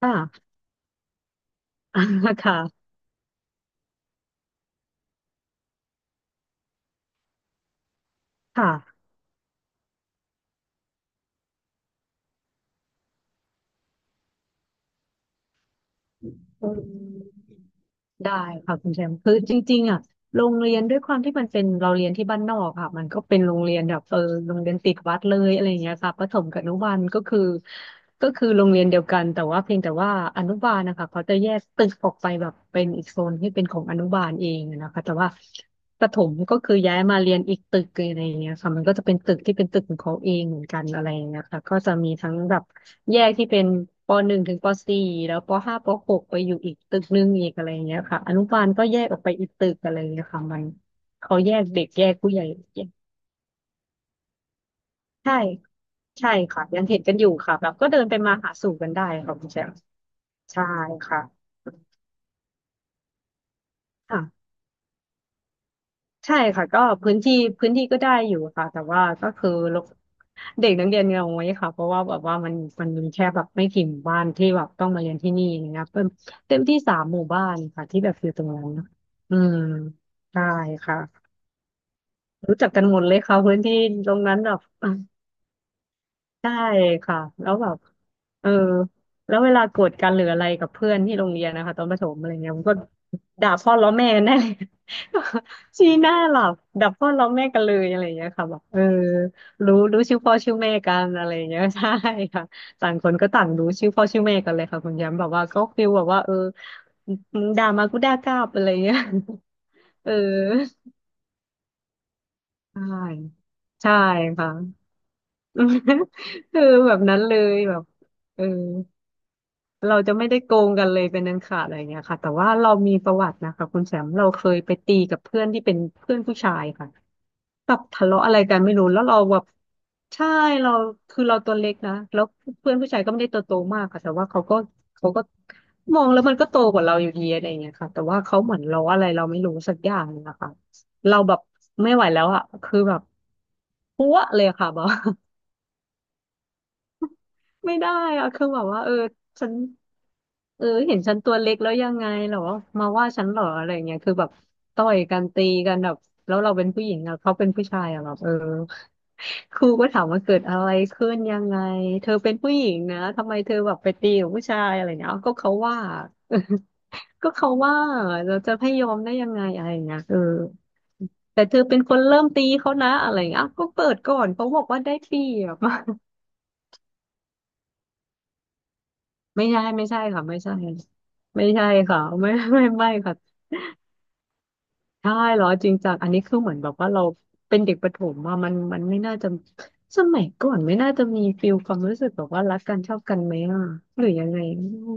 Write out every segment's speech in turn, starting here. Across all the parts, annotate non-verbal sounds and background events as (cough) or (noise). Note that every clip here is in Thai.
ค่ะ (laughs) ค่ะค่ะอืมได้ค่ะคุณแชมป์คือจริงๆอ่ะโรงเรียนด้วยความที่มันเป็นเราเรียนที่บ้านนอกค่ะมันก็เป็นโรงเรียนแบบโรงเรียนติดวัดเลยอะไรอย่างเงี้ยค่ะประถมกับอนุบาลก็คือโรงเรียนเดียวกันแต่ว่าเพียงแต่ว่าอนุบาลนะคะเขาจะแยกตึกออกไปแบบเป็นอีกโซนที่เป็นของอนุบาลเองนะคะแต่ว่าประถมก็คือย้ายมาเรียนอีกตึกเลยอะไรอย่างเงี้ยค่ะมันก็จะเป็นตึกที่เป็นตึกของเขาเองเหมือนกันอะไรอย่างเงี้ยค่ะก็จะมีทั้งแบบ แยกที่เป็นปหนึ่งถึงปสี่แล้วปห้าปหกไปอยู่อีกตึกหนึ่งอีกอะไรอย่างเงี้ยค่ะอนุบาลก็แยกออกไปอีกตึกอะไรอย่างเงี้ยค่ะมันเขาแยกเด็กแยกผู้ใหญ่แยกใช่ใช่ค่ะยังเห็นกันอยู่ค่ะแบบก็เดินไปมาหาสู่กันได้ค่ะคุณแชมป์ใช่ค่ะค่ะ ใช่ค่ะก็พื้นที่พื้นที่ก็ได้อยู่ค่ะแต่ว่าก็คือลกเด็กนักเรียนเราไว้ค่ะเพราะว่าแบบว่ามันมีแค่แบบไม่กี่หมู่บ้านที่แบบต้องมาเรียนที่นี่นะครับเต็มที่สามหมู่บ้านค่ะที่แบบอยู่ตรงนั้นนะอืมใช่ค่ะรู้จักกันหมดเลยค่ะพื้นที่ตรงนั้นแบบ ใช่ค่ะแล้วแบบเออแล้วเวลาโกรธกันหรืออะไรกับเพื่อนที่โรงเรียนนะคะตอนประถมอะไรเงี้ยมันก็ด่าพ่อล้อแม่กันได้เลย (laughs) ชี้หน้าหลับด่าพ่อล้อแม่กันเลยอะไรเงี้ยค่ะแบบรู้รู้ชื่อพ่อชื่อแม่กันอะไรเงี้ย (laughs) ใช่ค่ะต่างคนก็ต่างรู้ชื่อพ่อชื่อแม่กันเลยค่ะคุณย้ำแบบว่าก็ฟิลแบบว่ามึงด่ามากูด่ากลับอะไรเงี้ย (laughs) เออใช่ใช่ค่ะ (laughs) คือแบบนั้นเลยแบบเออ เราจะไม่ได้โกงกันเลยเป็นอันขาดอะไรเงี้ยค่ะแต่ว่าเรามีประวัตินะคะคุณแชมป์เราเคยไปตีกับเพื่อนที่เป็นเพื่อนผู้ชายค่ะแบบทะเลาะอะไรกันไม่รู้แล้วเราแบบใช่เราคือเราตัวเล็กนะแล้วเพื่อนผู้ชายก็ไม่ได้ตัวโตมากค่ะแต่ว่าเขาก็มองแล้วมันก็โตกว่าเราอยู่ดีอะไรเงี้ยค่ะแต่ว่าเขาเหมือนเราอะไรเราไม่รู้สักอย่างนะคะเราแบบไม่ไหวแล้วอะคือแบบพัวเลยอะค่ะบอก ไม่ได้อะคือแบบว่าฉันเห็นฉันตัวเล็กแล้วยังไงเหรอมาว่าฉันเหรออะไรยงเงี้ยคือแบบต่อยกันตีกันแบบแล้วเราเป็นผู้หญิงอะเขาเป็นผู้ชายอะแบบครูก็ถามว่าเกิดอะไรขึ้นยังไงเธอเป็นผู้หญิงนะทำไมเธอแบบไปตีกับผู้ชายอะไรเงี้ยอ้าวก็เขาว่า (laughs) ก็เขาว่าเราจะให้ยอมได้ยังไงอะไรเงี้ยแต่เธอเป็นคนเริ่มตีเขานะอะไราเงี้ยอ้าวก็เปิดก่อนเขาบอกว่าได้เปรียบ (laughs) ไม่ใช่ไม่ใช่ค่ะไม่ใช่ไม่ใช่ค่ะไม่ไม่ไม่ไม่ค่ะใช่เหรอจริงจังอันนี้คือเหมือนแบบว่าเราเป็นเด็กประถมว่ามันมันไม่น่าจะสมัยก่อนไม่น่าจะมีฟิลความรู้สึกแบบว่ารักกันชอบกันไหมอ่ะหรือยังไง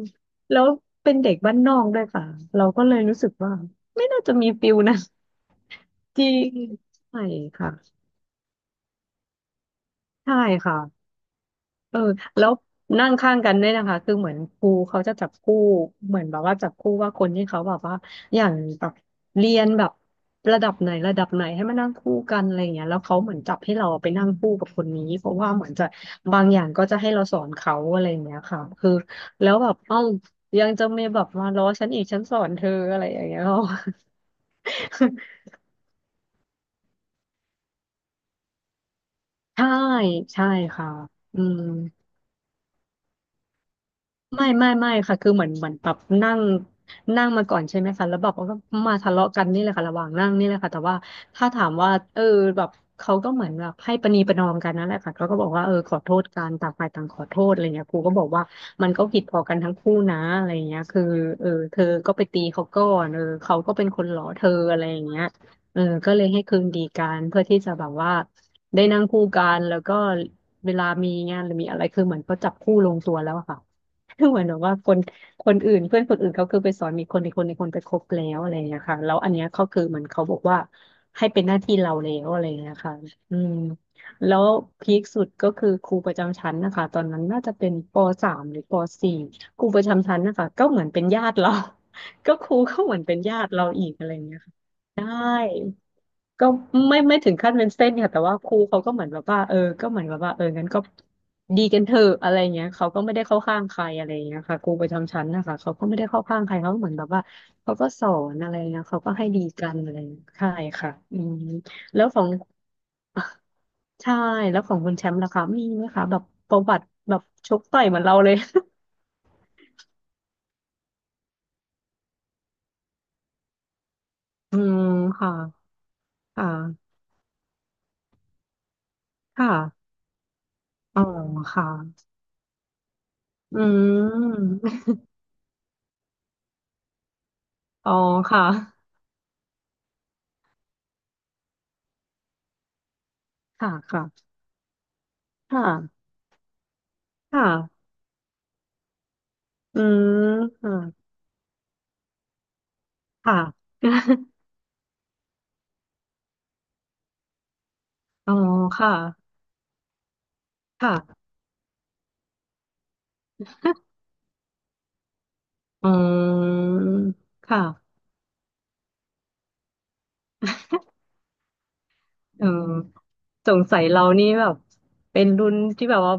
แล้วเป็นเด็กบ้านนอกด้วยค่ะเราก็เลยรู้สึกว่าไม่น่าจะมีฟิลนะ (laughs) ที่ใช่ค่ะใช่ค่ะ เออแล้วนั่งข้างกันด้วยนะคะคือเหมือนครูเขาจะจับคู่เหมือนแบบว่าจับคู่ว่าคนที่เขาแบบว่าอย่างแบบเรียนแบบระดับไหนระดับไหนให้มานั่งคู่กันอะไรอย่างเงี้ยแล้วเขาเหมือนจับให้เราไปนั่งคู่กับคนนี้เพราะว่าเหมือนจะบางอย่างก็จะให้เราสอนเขาอะไรอย่างเงี้ยค่ะคือแล้วแบบเอ้ายังจะมีแบบมาล้อฉันอีกฉันสอนเธออะไรอย่างเงี้ย (laughs) ใช่ใช่ค่ะอืม ไม่ค่ะคือเหมือนแบบนั่งนั่งมาก่อนใช่ไหมคะแล้วแบบก็มาทะเลาะกันนี่แหละค่ะระหว่างนั่งนี่แหละค่ะแต่ว่าถ้าถามว่าแบบเขาก็เหมือนแบบให้ประนีประนอมกันนั่นแหละค่ะเขาก็บอกว่าเออขอโทษกันต่างฝ่ายต่างขอโทษอะไรเงี้ยครูก็บอกว่ามันก็ผิดพอกันทั้งคู่นะอะไรเงี้ยคือเออเธอก็ไปตีเขาก่อนเออเขาก็เป็นคนหลอเธออะไรอย่างเงี้ยเออก็เลยให้คืนดีกันเพื่อที่จะแบบว่าได้นั่งคู่กันแล้วก็เวลามีงานหรือมีอะไรคือเหมือนเขาจับคู่ลงตัวแล้วอะค่ะ คือเหมือนแบบว่าคนอื่นเพื่อนคนอื่นเขาคือไปสอนมีคนอีกคนไปคบแล้วอะไรอย่างเงี้ยค่ะแล้วอันเนี้ยเขาคือเหมือนเขาบอกว่าให้เป็นหน้าที่เราแล้วอะไรอย่างเงี้ยค่ะอืมแล้วพีคสุดก็คือครูประจำชั้นนะคะตอนนั้นน่าจะเป็นปสามหรือปสี่ครูประจำชั้นนะคะก็เหมือนเป็นญาติเรา (laughs) ก็ครูก็เหมือนเป็นญาติเราอีกอะไรอย่างเงี้ยค่ะใช่ ก็ไม่ถึงขั้นเป็นเส้นค่ะแต่ว่าครูเขาก็เหมือนแบบว่าเออก็เหมือนแบบว่าเอองั้นก็ดีกันเถอะอะไรเงี้ยเขาก็ไม่ได้เข้าข้างใครอะไรเงี้ยค่ะครูประจำชั้นนะคะเขาก็ไม่ได้เข้าข้างใครเขาเหมือนแบบว่าเขาก็สอนอะไรเงี้ยเขาก็ให้ดีกันอะไรเงี้ยใช่ค่ะอืมแล้วของ (laughs) ใช่แล้วของคุณแชมป์ล่ะคะมีไหมคะแบบประวัติแบบชกต่อยเหมือนเราเลย (laughs) อืมค่ะค่ะค่ะอ๋อค่ะอืมอ๋อค่ะค่ะค่ะ ค่ะค่ะอืมค่ะค่ะ (laughs) อ๋อค่ะค่ะอืมค่ะเออสงสัยเรานี่แบบเป็นรุ่นที่แบบว่า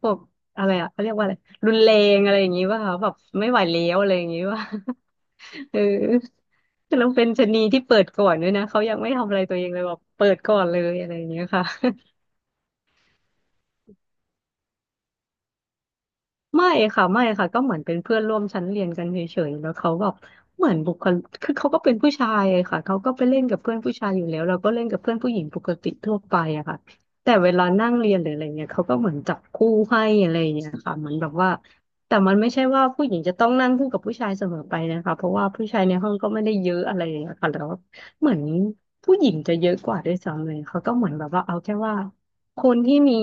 พวกอะไรอะเขาเรียกว่าอะไรรุนแรงอะไรอย่างงี้ป่ะคะแบบไม่ไหวแล้วอะไรอย่างงี้ป่ะ (laughs) เออแล้วเป็นชะนีที่เปิดก่อนด้วยนะเขายังไม่ทำอะไรตัวเองเลยแบบเปิดก่อนเลยอะไรอย่างเงี้ยค่ะ ไม่ไม่ค่ะก็เหมือนเป็นเพื่อนร่วมชั้นเรียนกันเฉยๆแล้วเขาแบบเหมือนบุคลิกคือเขาก็เป็นผู้ชายอะค่ะเขาก็ไปเล่นกับเพื่อนผู้ชายอยู่แล้วเราก็เล่นกับเพื่อนผู้หญิงปกติทั่วไปอะค่ะแต่เวลานั่งเรียนหรืออะไรเงี้ยเขาก็เหมือนจับคู่ให้อะไรอย่างเงี้ยค่ะเหมือนแบบว่าแต่มันไม่ใช่ว่าผู้หญิงจะต้องนั่งคู่กับผู้ชายเสมอไปนะคะเพราะว่าผู้ชายในห้องก็ไม่ได้เยอะอะไรอย่างเงี้ยค่ะแล้วเหมือนผู้หญิงจะเยอะกว่าด้วยซ้ำเลยเขาก็เหมือนแบบว่าเอาแค่ว่า คนที่มี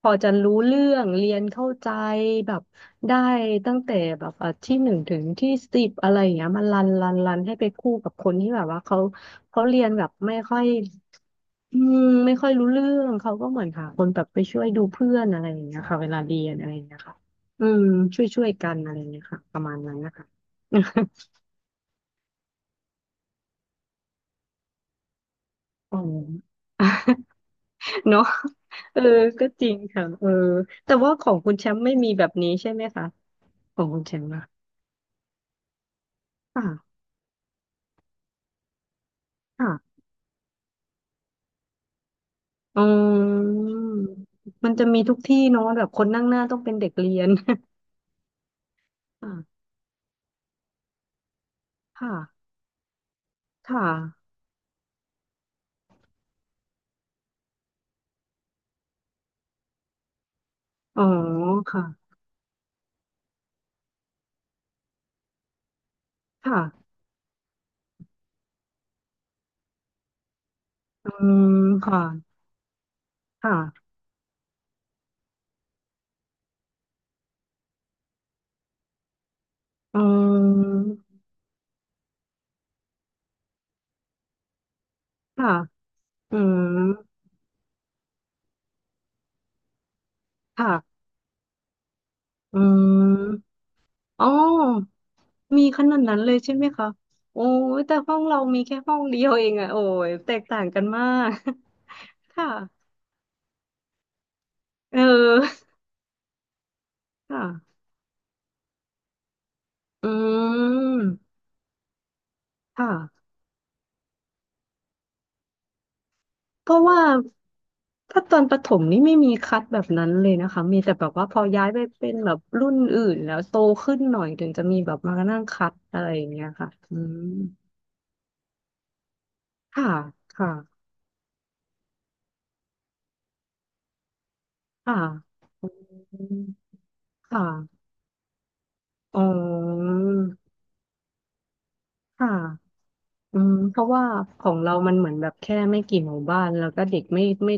พอจะรู้เรื่องเรียนเข้าใจแบบได้ตั้งแต่แบบอ่ะที่หนึ่งถึงที่สิบอะไรอย่างเงี้ยมันรันให้ไปคู่กับคนที่แบบว่าเขาเรียนแบบไม่ค่อยอืมไม่ค่อยรู้เรื่องเขาก็เหมือนค่ะคนแบบไปช่วยดูเพื่อนอะไรอย่างเงี้ยค่ะเวลาเรียนอะไรอย่างเงี้ยค่ะอืมช่วยกันอะไรอย่างเงี้ยค่ะประมาณนั้นนะคะ (laughs) อ๋อ (laughs) เนาะเออก็จริงค่ะเออแต่ว่าของคุณแชมป์ไม่มีแบบนี้ใช่ไหมคะ ของคุณแชมป์นะค่ะค่ะอืมมันจะมีทุกที่เนาะแบบคนนั่งหน้าต้องเป็นเด็กเรียน (laughs) ค่ะค่ะค่ะอ๋อค่ะค่ะอืมค่ะค่ะอืมค่ะอืมค่ะอืมอ๋อมีขนาดนั้นเลยใช่ไหมคะ โอ้ยแต่ห้องเรามีแค่ห้องเดียวเองอะโอ้ยแตกต่างกันมาก (laughs) ค่ะ (laughs) เออค่ะอืมค่ะ เพราะว่าถ้าตอนประถมนี่ไม่มีคัดแบบนั้นเลยนะคะมีแต่แบบว่าพอย้ายไปเป็นแบบรุ่นอื่นแล้วโตขึ้นหน่อยถึงจะมีแบบมานั่งคัดอะไรอย่างเงี้ยค่ะอืมค่ะค่ะค่ะอืมค่ะอ๋อค่ะ อืมเพราะว่าของเรามันเหมือนแบบแค่ไม่กี่หมู่บ้านแล้วก็เด็กไม่ไม่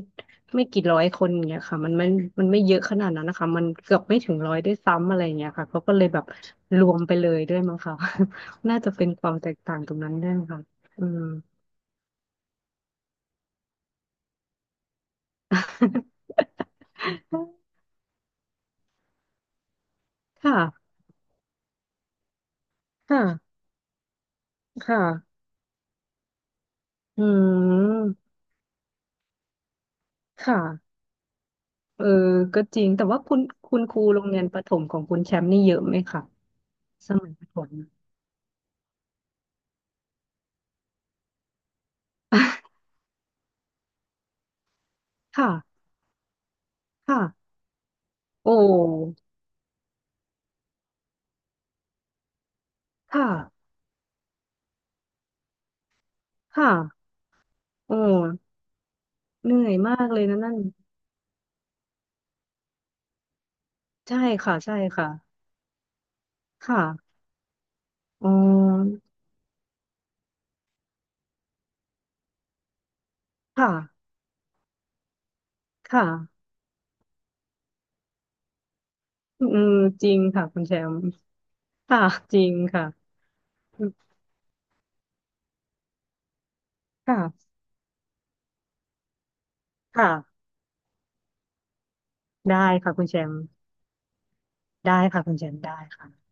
ไม่กี่ร้อยคนอย่างเงี้ยค่ะมันไม่เยอะขนาดนั้นนะคะมันเกือบไม่ถึงร้อยด้วยซ้ำอะไรอย่างเงี้ยค่ะเขาก็เลยแบบรวมไปเลยด้วยมั้งค่ะ (laughs) น่าจะเป็นความแตกต่างตรงนั้นด้วยค่ะอืม (laughs) ค่ะค่ะค่ะอืมค่ะเออก็จริงแต่ว่าคุณครูโรงเรียนประถมของคุณแชมป์นี่เยอะไหมคะสมัยประถม (laughs) ค่ะค่ะโอ้ ค่ะ ค่ะ โอ้เหนื่อยมากเลยนะนั่นใช่ค่ะใช่ค่ะค่ะอ๋อค่ะค่ะอืมจริงค่ะคุณแชมป์ค่ะจริงค่ะค่ะค่ะได้ค่ะคุณแชมป์ได้ค่ะคุณแชมป์ได้ค่ะ